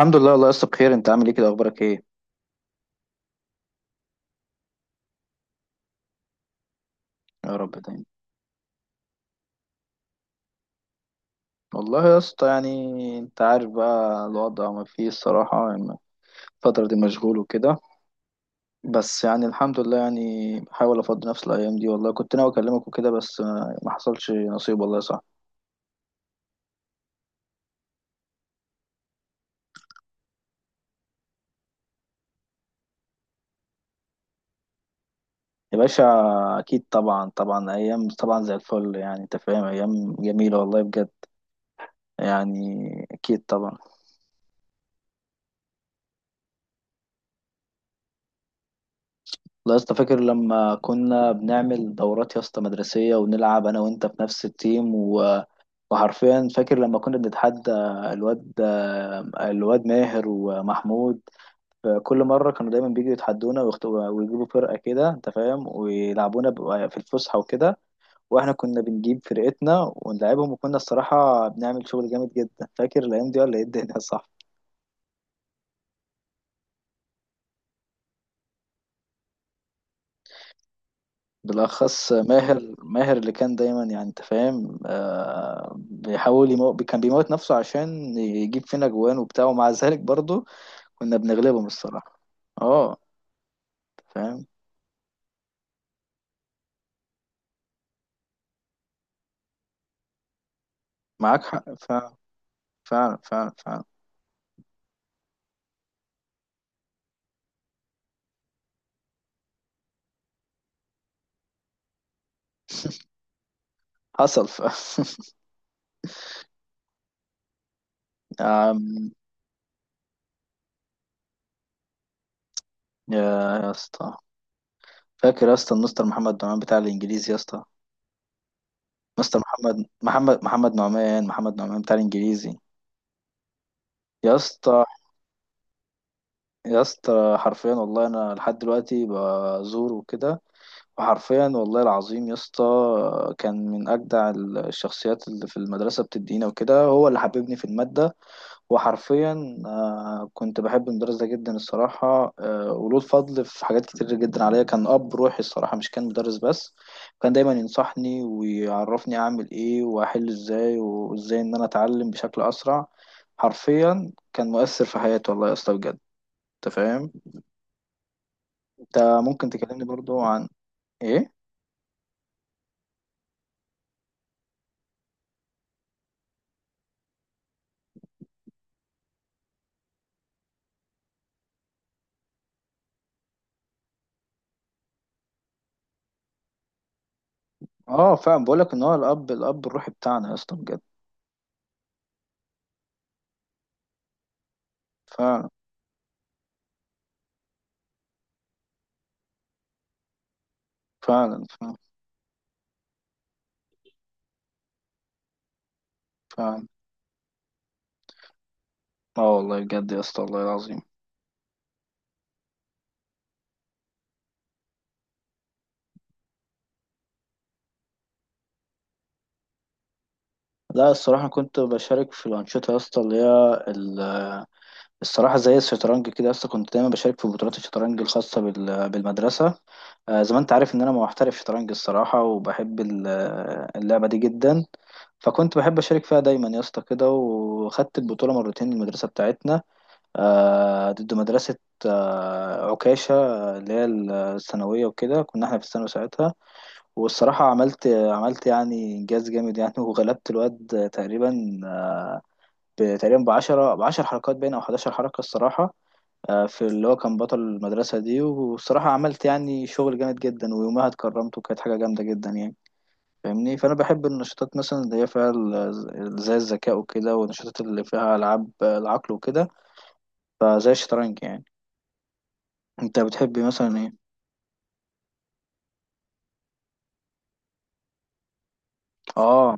الحمد لله والله يا اسطى بخير. انت عامل ايه كده، اخبارك ايه؟ يا رب دايما. والله يا اسطى يعني انت عارف بقى الوضع ما فيه الصراحة يعني، الفترة دي مشغول وكده، بس يعني الحمد لله يعني بحاول افضي نفسي الايام دي. والله كنت ناوي اكلمك وكده بس ما حصلش نصيب، والله صح. يا باشا اكيد طبعا، طبعا ايام، طبعا زي الفل يعني انت فاهم، ايام جميلة والله بجد، يعني اكيد طبعا. والله يا اسطى فاكر لما كنا بنعمل دورات يا اسطى مدرسية ونلعب انا وانت في نفس التيم وحرفيا فاكر لما كنا بنتحدى الواد الواد ماهر ومحمود. كل مرة كانوا دايما بيجوا يتحدونا ويجيبوا فرقة كده انت فاهم، ويلعبونا في الفسحة وكده، واحنا كنا بنجيب فرقتنا ونلعبهم، وكنا الصراحة بنعمل شغل جامد جدا. فاكر الأيام دي ولا ايه الدنيا؟ صح. بالأخص ماهر، ماهر اللي كان دايما يعني انت فاهم، بيحاول كان بيموت نفسه عشان يجيب فينا جوان وبتاع، ومع ذلك برضه كنا بنغلبهم الصراحة. اه فاهم. معاك حق فعلا، فعلا فعلا فعلا. حصل ف... أم، يا يا اسطى فاكر يا اسطى المستر محمد نعمان بتاع الانجليزي يا اسطى، مستر محمد نعمان، محمد نعمان بتاع الانجليزي يا اسطى. يا اسطى حرفيا والله انا لحد دلوقتي بزوره وكده، وحرفيا والله العظيم يا اسطى كان من اجدع الشخصيات اللي في المدرسه، بتدينا وكده، هو اللي حببني في الماده. وحرفيا كنت بحب المدرس ده جدا الصراحة، وله الفضل في حاجات كتير جدا عليا. كان أب روحي الصراحة، مش كان مدرس بس. كان دايما ينصحني ويعرفني أعمل إيه وأحل إزاي، وإزاي إن أنا أتعلم بشكل أسرع. حرفيا كان مؤثر في حياتي والله يا اسطى بجد. أنت فاهم. أنت ممكن تكلمني برضو عن إيه؟ فعلا بقولك إن هو الأب، الأب الروحي بتاعنا يا اسطى بجد. فعلا فعلا فعلا فعلا. آه والله بجد يا اسطى، والله العظيم. لا الصراحة كنت بشارك في الأنشطة يا اسطى اللي الصراحة زي الشطرنج كده يا اسطى. كنت دايما بشارك في بطولات الشطرنج الخاصة بالمدرسة. زي ما أنت عارف إن أنا محترف شطرنج الصراحة، وبحب اللعبة دي جدا. فكنت بحب أشارك فيها دايما يا اسطى كده، وخدت البطولة مرتين المدرسة بتاعتنا، ضد مدرسة عكاشة، اللي هي الثانوية وكده، كنا احنا في الثانوي ساعتها. والصراحة عملت يعني إنجاز جامد يعني، وغلبت الواد تقريبا تقريبا بعشرة، بعشر حركات باين أو حداشر حركة الصراحة، في اللي هو كان بطل المدرسة دي. والصراحة عملت يعني شغل جامد جدا، ويومها اتكرمت وكانت حاجة جامدة جدا يعني. فاهمني؟ فأنا بحب النشاطات مثلا اللي هي فيها زي الذكاء وكده، والنشاطات اللي فيها ألعاب العقل وكده، فزي الشطرنج يعني. أنت بتحب مثلا إيه؟ آه.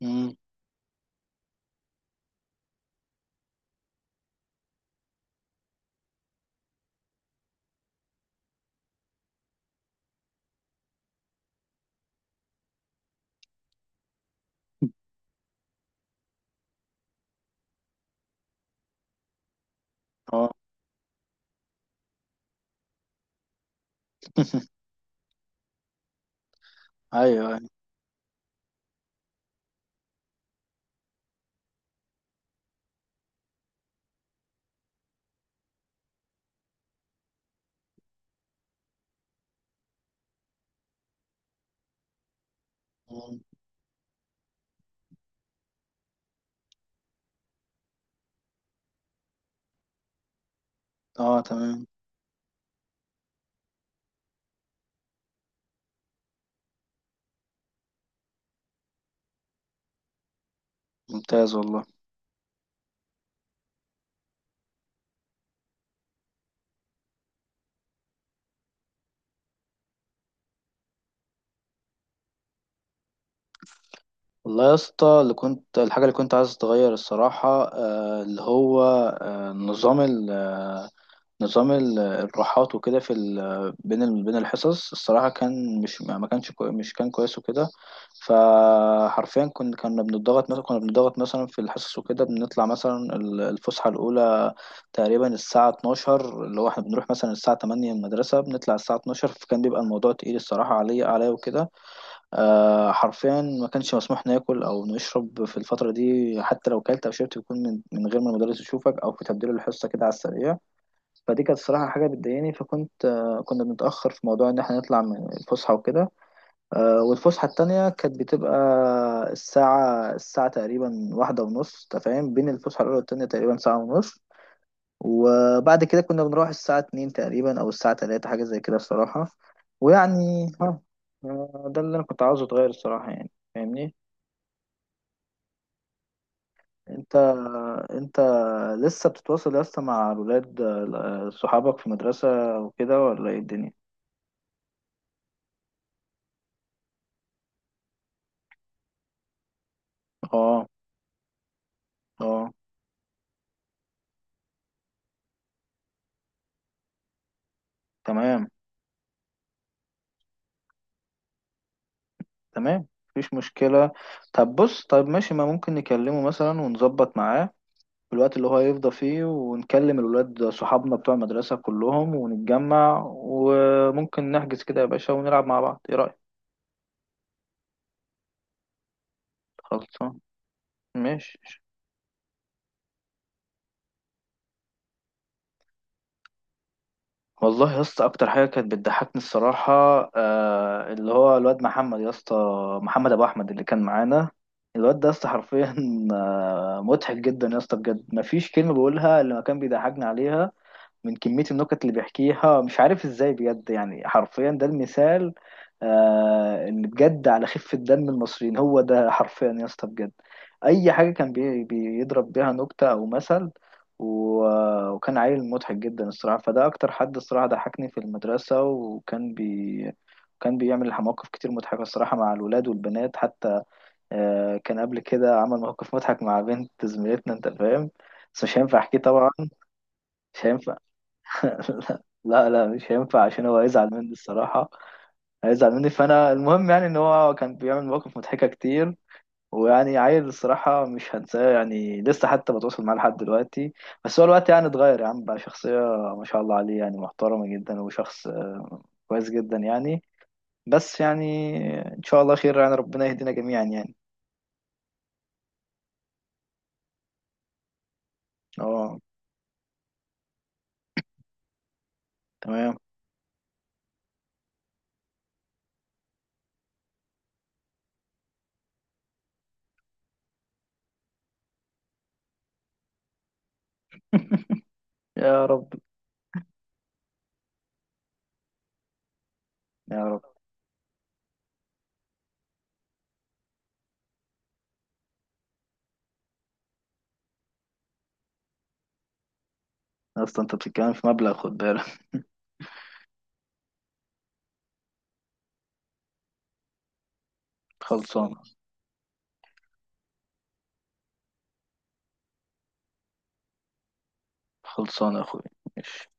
مم. اه. ايوه ايوه. مم. اه تمام. ممتاز والله. والله يا اسطى اللي كنت، الحاجة اللي كنت عايز اتغير الصراحة اللي هو نظام ال آه، نظام الراحات وكده في بين بين الحصص الصراحة. كان مش ما كانش كوي، مش كان كويس وكده. فحرفيا كنا بنضغط مثلا، كنا بنضغط مثلا في الحصص وكده، بنطلع مثلا الفسحة الأولى تقريبا الساعة 12، اللي هو احنا بنروح مثلا الساعة 8 المدرسة، بنطلع الساعة 12. فكان بيبقى الموضوع تقيل الصراحة، عليا وكده. آه حرفيا ما كانش مسموح ناكل او نشرب في الفتره دي. حتى لو كلت او شربت بيكون من غير ما المدرس يشوفك، او في تبديل الحصه كده على السريع. فدي كانت الصراحه حاجه بتضايقني، فكنت آه كنا بنتاخر في موضوع ان احنا نطلع من الفسحه وكده. آه والفسحه التانية كانت بتبقى الساعه تقريبا واحدة ونص. أنت فاهم، بين الفسحه الاولى والتانية تقريبا ساعه ونص. وبعد كده كنا بنروح الساعة اتنين تقريبا أو الساعة تلاتة، حاجة زي كده الصراحة. ويعني ها ده اللي أنا كنت عاوزه أتغير الصراحة يعني. فاهمني؟ أنت أنت لسه بتتواصل يا اسطى مع الولاد، صحابك في المدرسة وكده، ولا إيه الدنيا؟ اه اه. تمام تمام، مفيش مشكلة. طب بص، طب ماشي، ما ممكن نكلمه مثلا ونظبط معاه في الوقت اللي هو يفضى فيه، ونكلم الولاد صحابنا بتوع المدرسة كلهم ونتجمع، وممكن نحجز كده يا باشا ونلعب مع بعض، ايه رأيك؟ خلصان. ماشي. والله يا اسطى اكتر حاجه كانت بتضحكني الصراحه، آه اللي هو الواد محمد يا اسطى، محمد ابو احمد اللي كان معانا. الواد ده يا اسطى حرفيا آه مضحك جدا يا اسطى بجد. مفيش كلمه بقولها اللي ما كان بيضحكني عليها، من كمية النكت اللي بيحكيها مش عارف ازاي بجد يعني. حرفيا ده المثال آه اللي بجد على خفة دم المصريين، هو ده حرفيا يا اسطى بجد. أي حاجة كان بيضرب بيها نكتة أو مثل، وكان عيل مضحك جدا الصراحة. فده أكتر حد الصراحة ضحكني في المدرسة، وكان كان بيعمل مواقف كتير مضحكة الصراحة مع الولاد والبنات حتى. آه كان قبل كده عمل موقف مضحك مع بنت زميلتنا أنت فاهم، بس مش هينفع أحكيه طبعا. مش هينفع. لا لا مش هينفع عشان هو هيزعل مني الصراحة. هيزعل مني، فأنا المهم يعني إن هو كان بيعمل مواقف مضحكة كتير. ويعني عيل الصراحة مش هنساه يعني، لسه حتى بتواصل معاه لحد دلوقتي. بس هو الوقت يعني اتغير يا عم، بقى شخصية ما شاء الله عليه يعني محترمة جدا، وشخص كويس جدا يعني. بس يعني إن شاء الله خير يعني، ربنا يهدينا جميعا يعني. اه تمام. يا رب. يا رب. أصلا أنت بتتكلم في مبلغ، خد بالك. خلصانة. خلصانة يا أخوي. ماشي.